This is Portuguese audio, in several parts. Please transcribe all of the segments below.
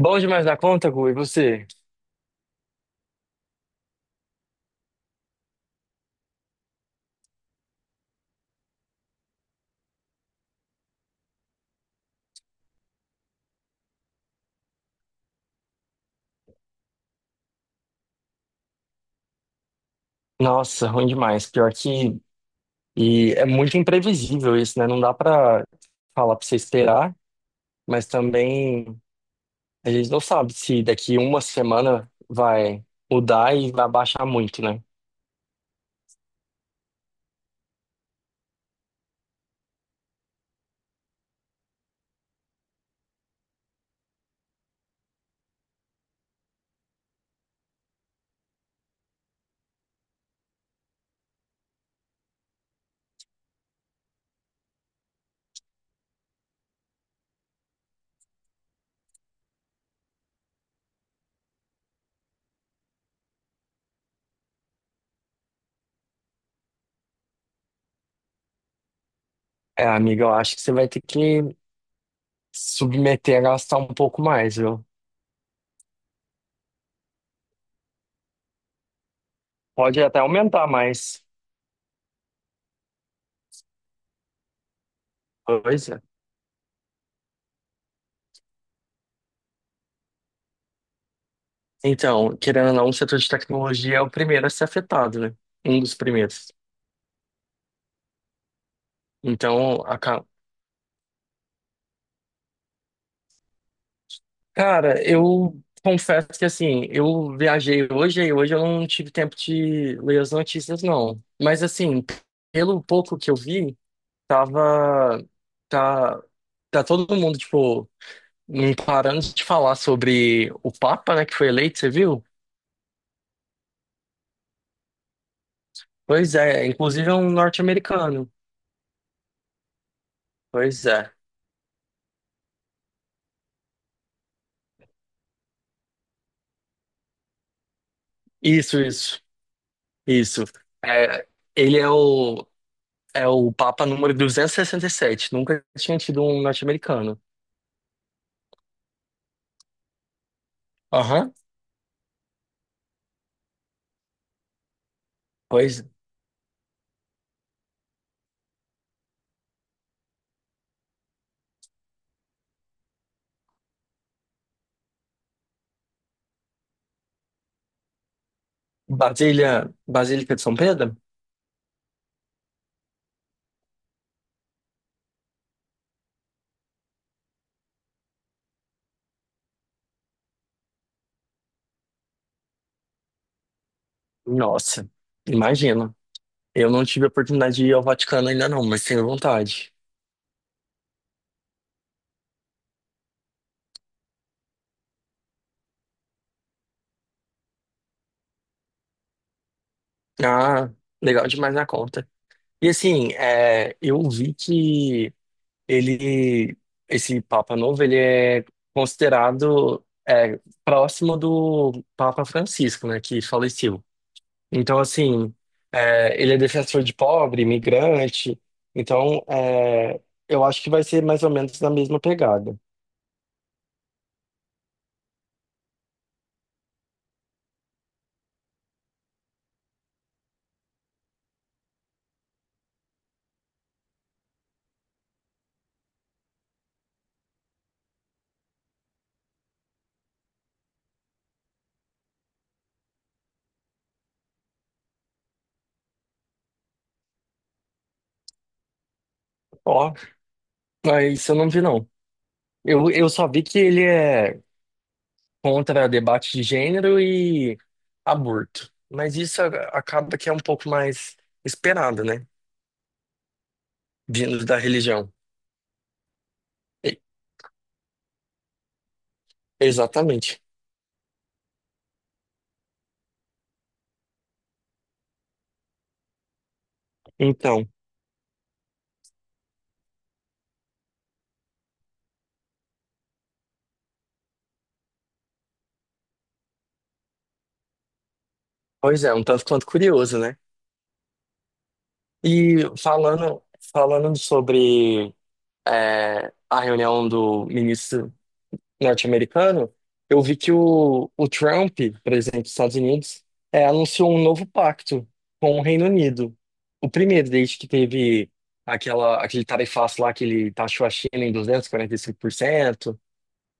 Bom demais da conta, Gu, e você? Nossa, ruim demais. Pior que. E é muito imprevisível isso, né? Não dá pra falar pra você esperar, mas também a gente não sabe se daqui uma semana vai mudar e vai baixar muito, né? É, amiga, eu acho que você vai ter que submeter a gastar um pouco mais, viu? Pode até aumentar mais coisa. Então, querendo ou não, o setor de tecnologia é o primeiro a ser afetado, né? Um dos primeiros. Então, cara, eu confesso que assim, eu viajei hoje e hoje eu não tive tempo de ler as notícias, não. Mas assim, pelo pouco que eu vi, tava. Tá, tá todo mundo, tipo, não parando de falar sobre o Papa, né, que foi eleito, você viu? Pois é, inclusive é um norte-americano. Pois é. Isso, isso, isso. É, ele é o, é o Papa número duzentos e sessenta e sete. Nunca tinha tido um norte-americano. Aham. Pois Basília, Basílica de São Pedro? Nossa, imagino. Eu não tive a oportunidade de ir ao Vaticano ainda não, mas tenho vontade. Ah, legal demais na conta. E assim, eu vi que ele, esse Papa novo, ele é considerado próximo do Papa Francisco, né, que faleceu. Então, assim, ele é defensor de pobre, imigrante. Então, eu acho que vai ser mais ou menos na mesma pegada. Ó, ah, isso eu não vi, não. Eu só vi que ele é contra debate de gênero e aborto. Mas acaba que é um pouco mais esperado, né? Vindo da religião. E- exatamente. Então, pois é, um tanto quanto curioso, né? E falando sobre a reunião do ministro. Norte-americano, eu vi que o Trump, presidente dos Estados Unidos, anunciou um novo pacto com o Reino Unido. O primeiro, desde que teve aquele tarifaço lá que ele taxou a China em duzentos e quarenta e cinco por cento.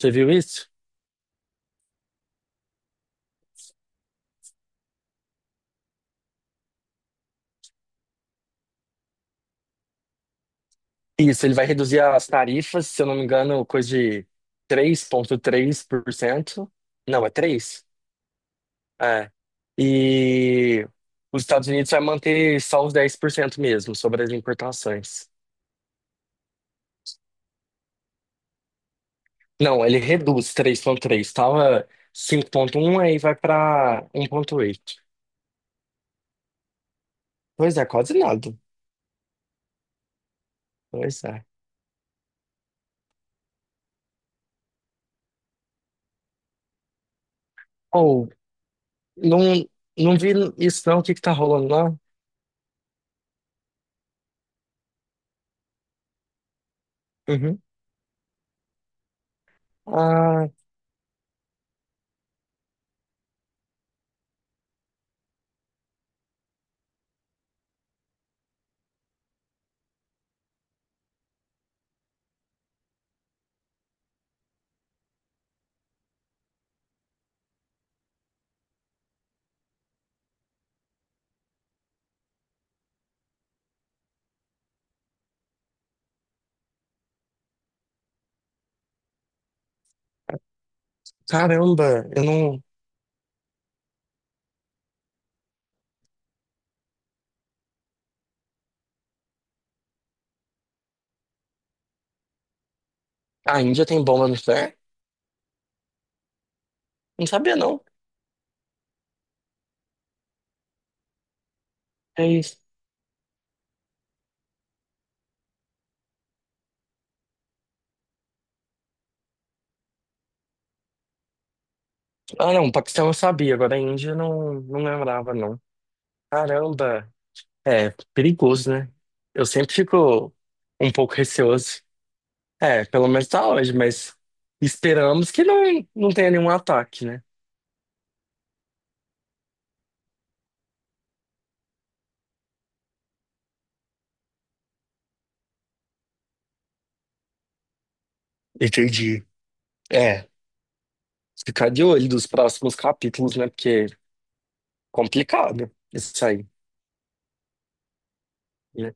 Você viu isso? Isso, ele vai reduzir as tarifas, se eu não me engano, coisa de 3,3%. Não, é três? É. E os Estados Unidos vai manter só os 10% mesmo sobre as importações. Não, ele reduz 3,3. Tava 5.1 aí vai pra 1.8. Pois é, quase nada. Pois é. Ou, não, não vi isso não, o que que tá rolando lá? Uhum. Ah, caramba, eu não... A Índia tem bomba nuclear? Não sabia, não. É isso. Ah, não, o Paquistão eu sabia, agora a Índia não, não lembrava, não. Caramba, é perigoso, né? Eu sempre fico um pouco receoso. É, pelo menos tá hoje, mas esperamos que não, não tenha nenhum ataque, né? Entendi. É, ficar de olho dos próximos capítulos, né? Porque é complicado isso aí, né?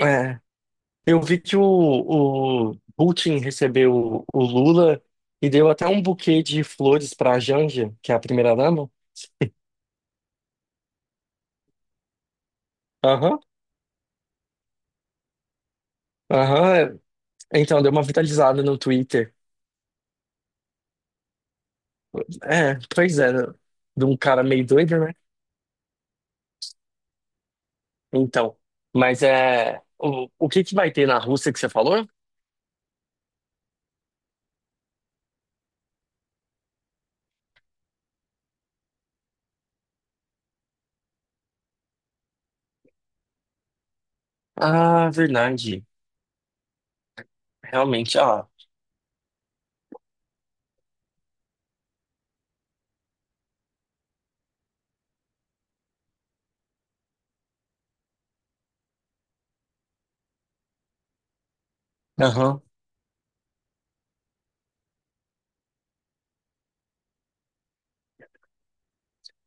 É, eu vi que o Putin recebeu o Lula e deu até um buquê de flores pra Janja, que é a primeira-dama. Aham, aham. É. Então, deu uma vitalizada no Twitter. É, pois é, de um cara meio doido, né? Então, mas é. O que que vai ter na Rússia que você falou? Ah, verdade. Realmente, ah. Aham.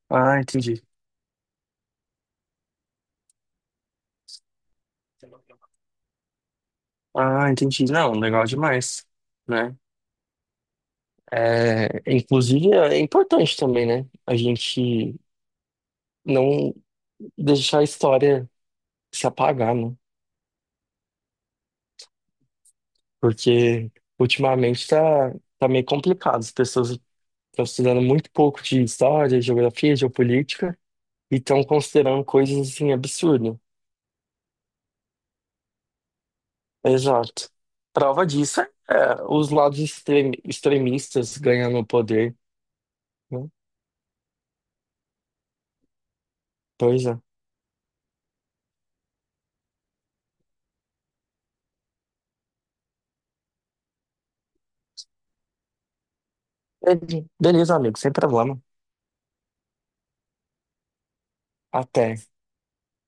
Ah, entendi. Ah, entendi. Não, legal demais, né? É, inclusive, é importante também, né? A gente não deixar a história se apagar, né? Porque ultimamente tá, tá meio complicado. As pessoas estão estudando muito pouco de história, geografia, geopolítica. E estão considerando coisas assim absurdas. Exato. Prova disso é os lados extremistas ganhando o poder. Né? Pois é. Beleza, amigo, sem problema. Até.